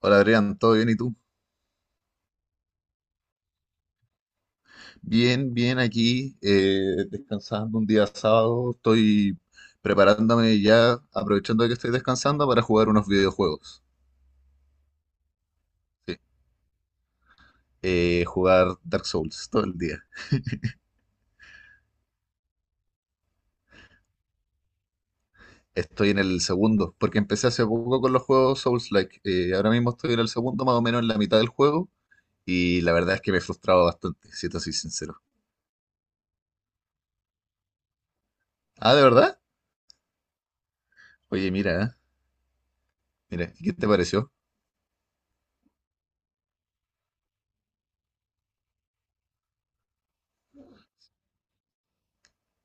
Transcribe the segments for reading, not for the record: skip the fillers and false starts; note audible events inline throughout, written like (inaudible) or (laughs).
Hola Adrián, ¿todo bien y tú? Bien, bien aquí, descansando un día sábado, estoy preparándome ya, aprovechando que estoy descansando para jugar unos videojuegos. Sí. Jugar Dark Souls todo el día. Estoy en el segundo, porque empecé hace poco con los juegos Souls-like. Ahora mismo estoy en el segundo, más o menos en la mitad del juego, y la verdad es que me he frustrado bastante, si te soy sincero. Ah, ¿de verdad? Oye, mira, ¿eh? Mira, ¿qué te pareció?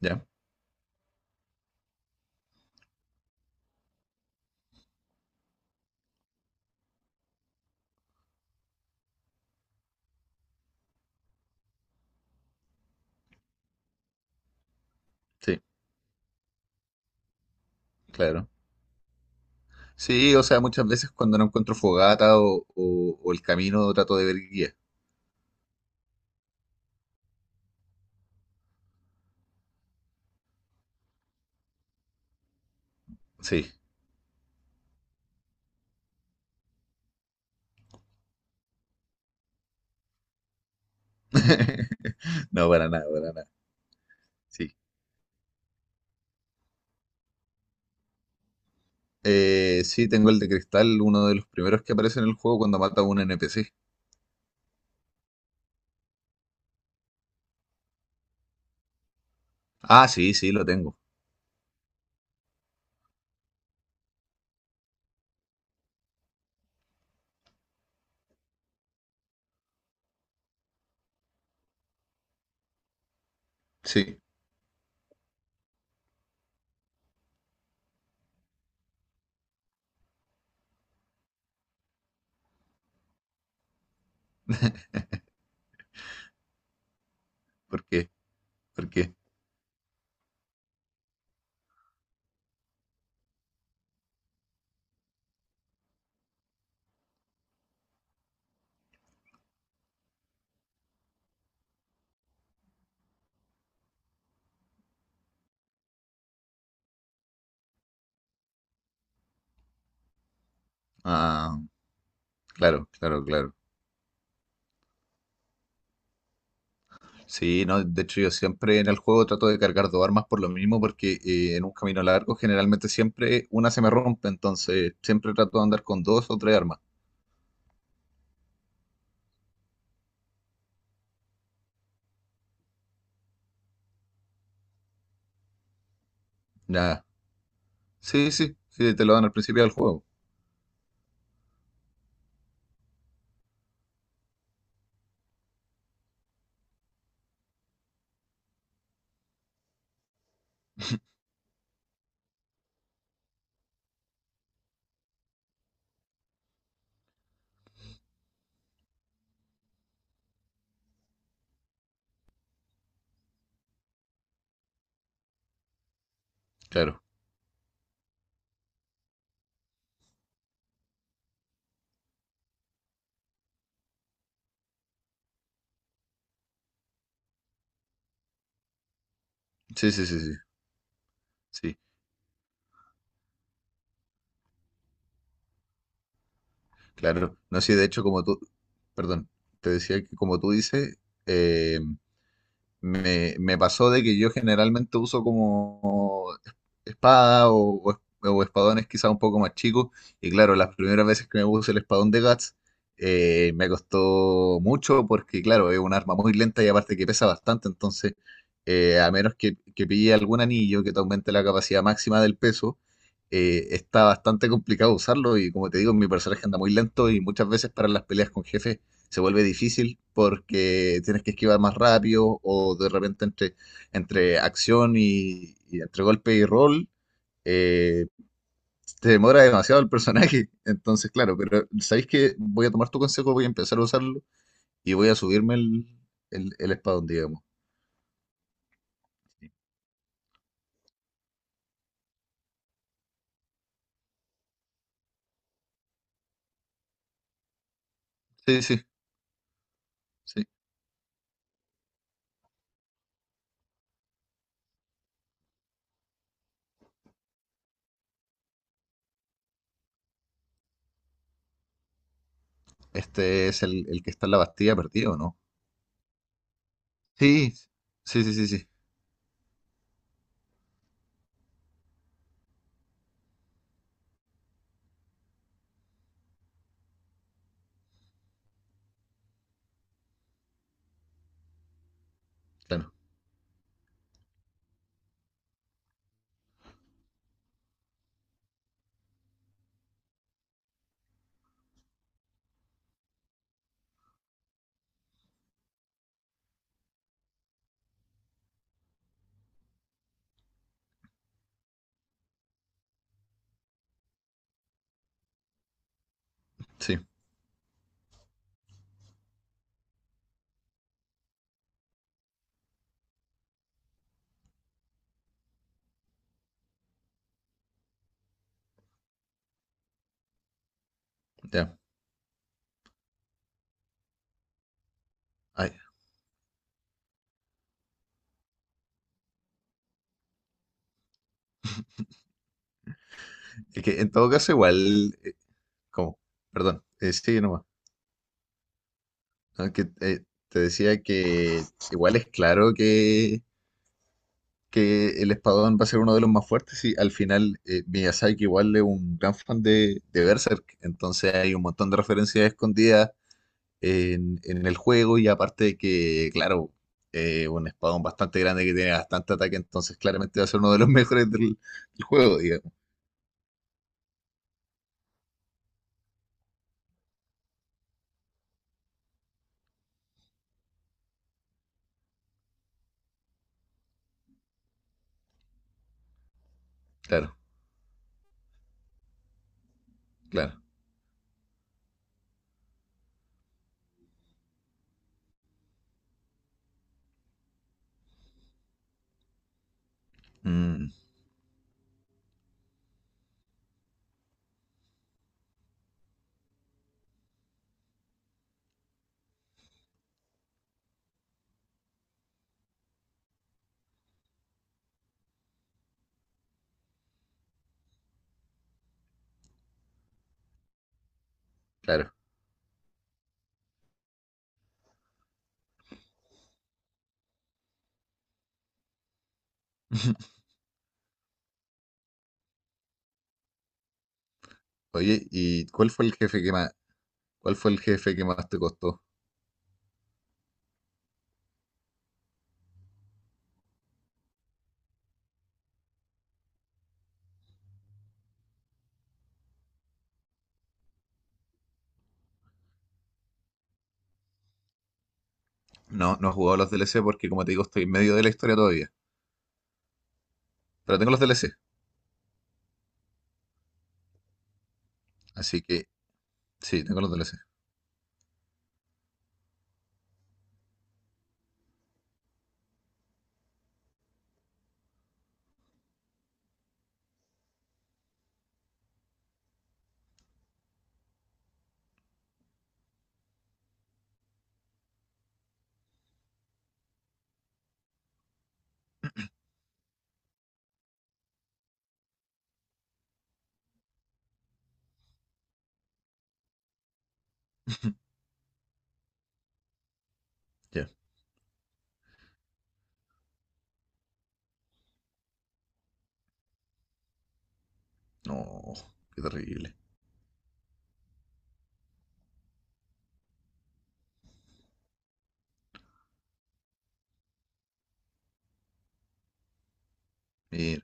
Ya, sí, claro. Sí, o sea, muchas veces cuando no encuentro fogata o el camino trato de ver guía. Sí. (laughs) No, para nada, para nada. Sí. Sí, tengo el de cristal, uno de los primeros que aparece en el juego cuando mata a un NPC. Ah, sí, sí, lo tengo. Sí. ¿Por qué? ¿Por qué? Ah, claro, claro, claro. Sí, no, de hecho yo siempre en el juego trato de cargar dos armas por lo mismo porque en un camino largo generalmente siempre una se me rompe, entonces siempre trato de andar con dos o tres armas. Ya, sí, sí, sí, te lo dan al principio del juego. Claro. Sí, sí, sí, sí, sí, claro. No, sí, de hecho, como tú, perdón, te decía que como tú dices, eh, me pasó de que yo generalmente uso como espada o espadones quizá un poco más chicos. Y claro, las primeras veces que me puse el espadón de Guts me costó mucho porque claro, es un arma muy lenta y aparte que pesa bastante. Entonces, a menos que, pille algún anillo que te aumente la capacidad máxima del peso, está bastante complicado usarlo. Y como te digo, mi personaje anda muy lento y muchas veces para las peleas con jefes se vuelve difícil porque tienes que esquivar más rápido o de repente entre, acción y entre golpe y rol eh, te demora demasiado el personaje. (laughs) Entonces, claro, pero sabéis que voy a tomar tu consejo, voy a empezar a usarlo y voy a subirme el, espadón, digamos. Sí, sí, sí. Este es el que está en la Bastilla perdido, ¿o no? Sí, sí, sí, sí, sí. Claro, sí, ya. Ay, es que en todo caso, igual, como, perdón, sí, nomás. Aunque te decía que igual es claro que, el espadón va a ser uno de los más fuertes y al final Miyazaki igual es un gran fan de Berserk, entonces hay un montón de referencias escondidas en, el juego y aparte de que, claro, un espadón bastante grande que tiene bastante ataque, entonces claramente va a ser uno de los (laughs) mejores del juego, digamos. Claro, claro. Mm, claro. (laughs) Oye, ¿ cuál fue el jefe que más te costó? No, no he jugado los DLC porque, como te digo, estoy en medio de la historia todavía. Pero tengo los DLC, así que sí, tengo los DLC. Ya. No, qué terrible. Mira,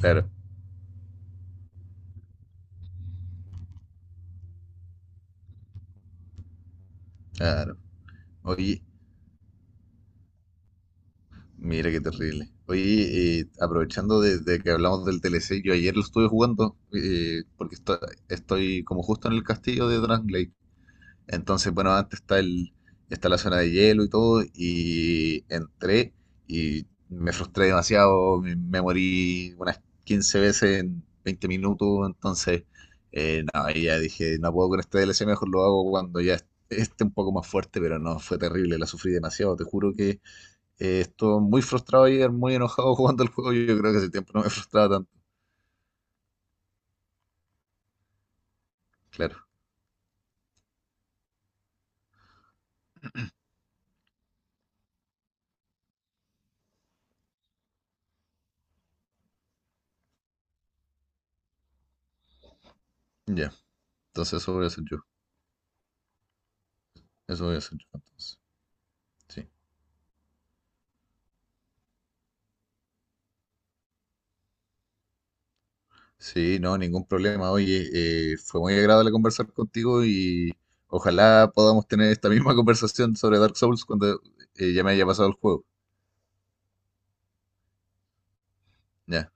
claro, claro. Oye, mira qué terrible. Oye, aprovechando de que hablamos del DLC, yo ayer lo estuve jugando porque estoy como justo en el castillo de Dragon. Entonces, bueno, antes está la zona de hielo y todo, y entré y me frustré demasiado, me morí unas 15 veces en 20 minutos, entonces, no, ahí ya dije, no puedo con este DLC, mejor lo hago cuando ya esté un poco más fuerte, pero no, fue terrible, la sufrí demasiado, te juro que estuve muy frustrado ayer, muy enojado (laughs) jugando el juego, yo creo que hace tiempo no me frustraba tanto, claro, ya, entonces eso voy a hacer yo, eso voy a hacer yo, entonces, sí. Sí, no, ningún problema. Oye, fue muy agradable conversar contigo y ojalá podamos tener esta misma (laughs) conversación sobre Dark Souls cuando ya me haya pasado el juego. Ya.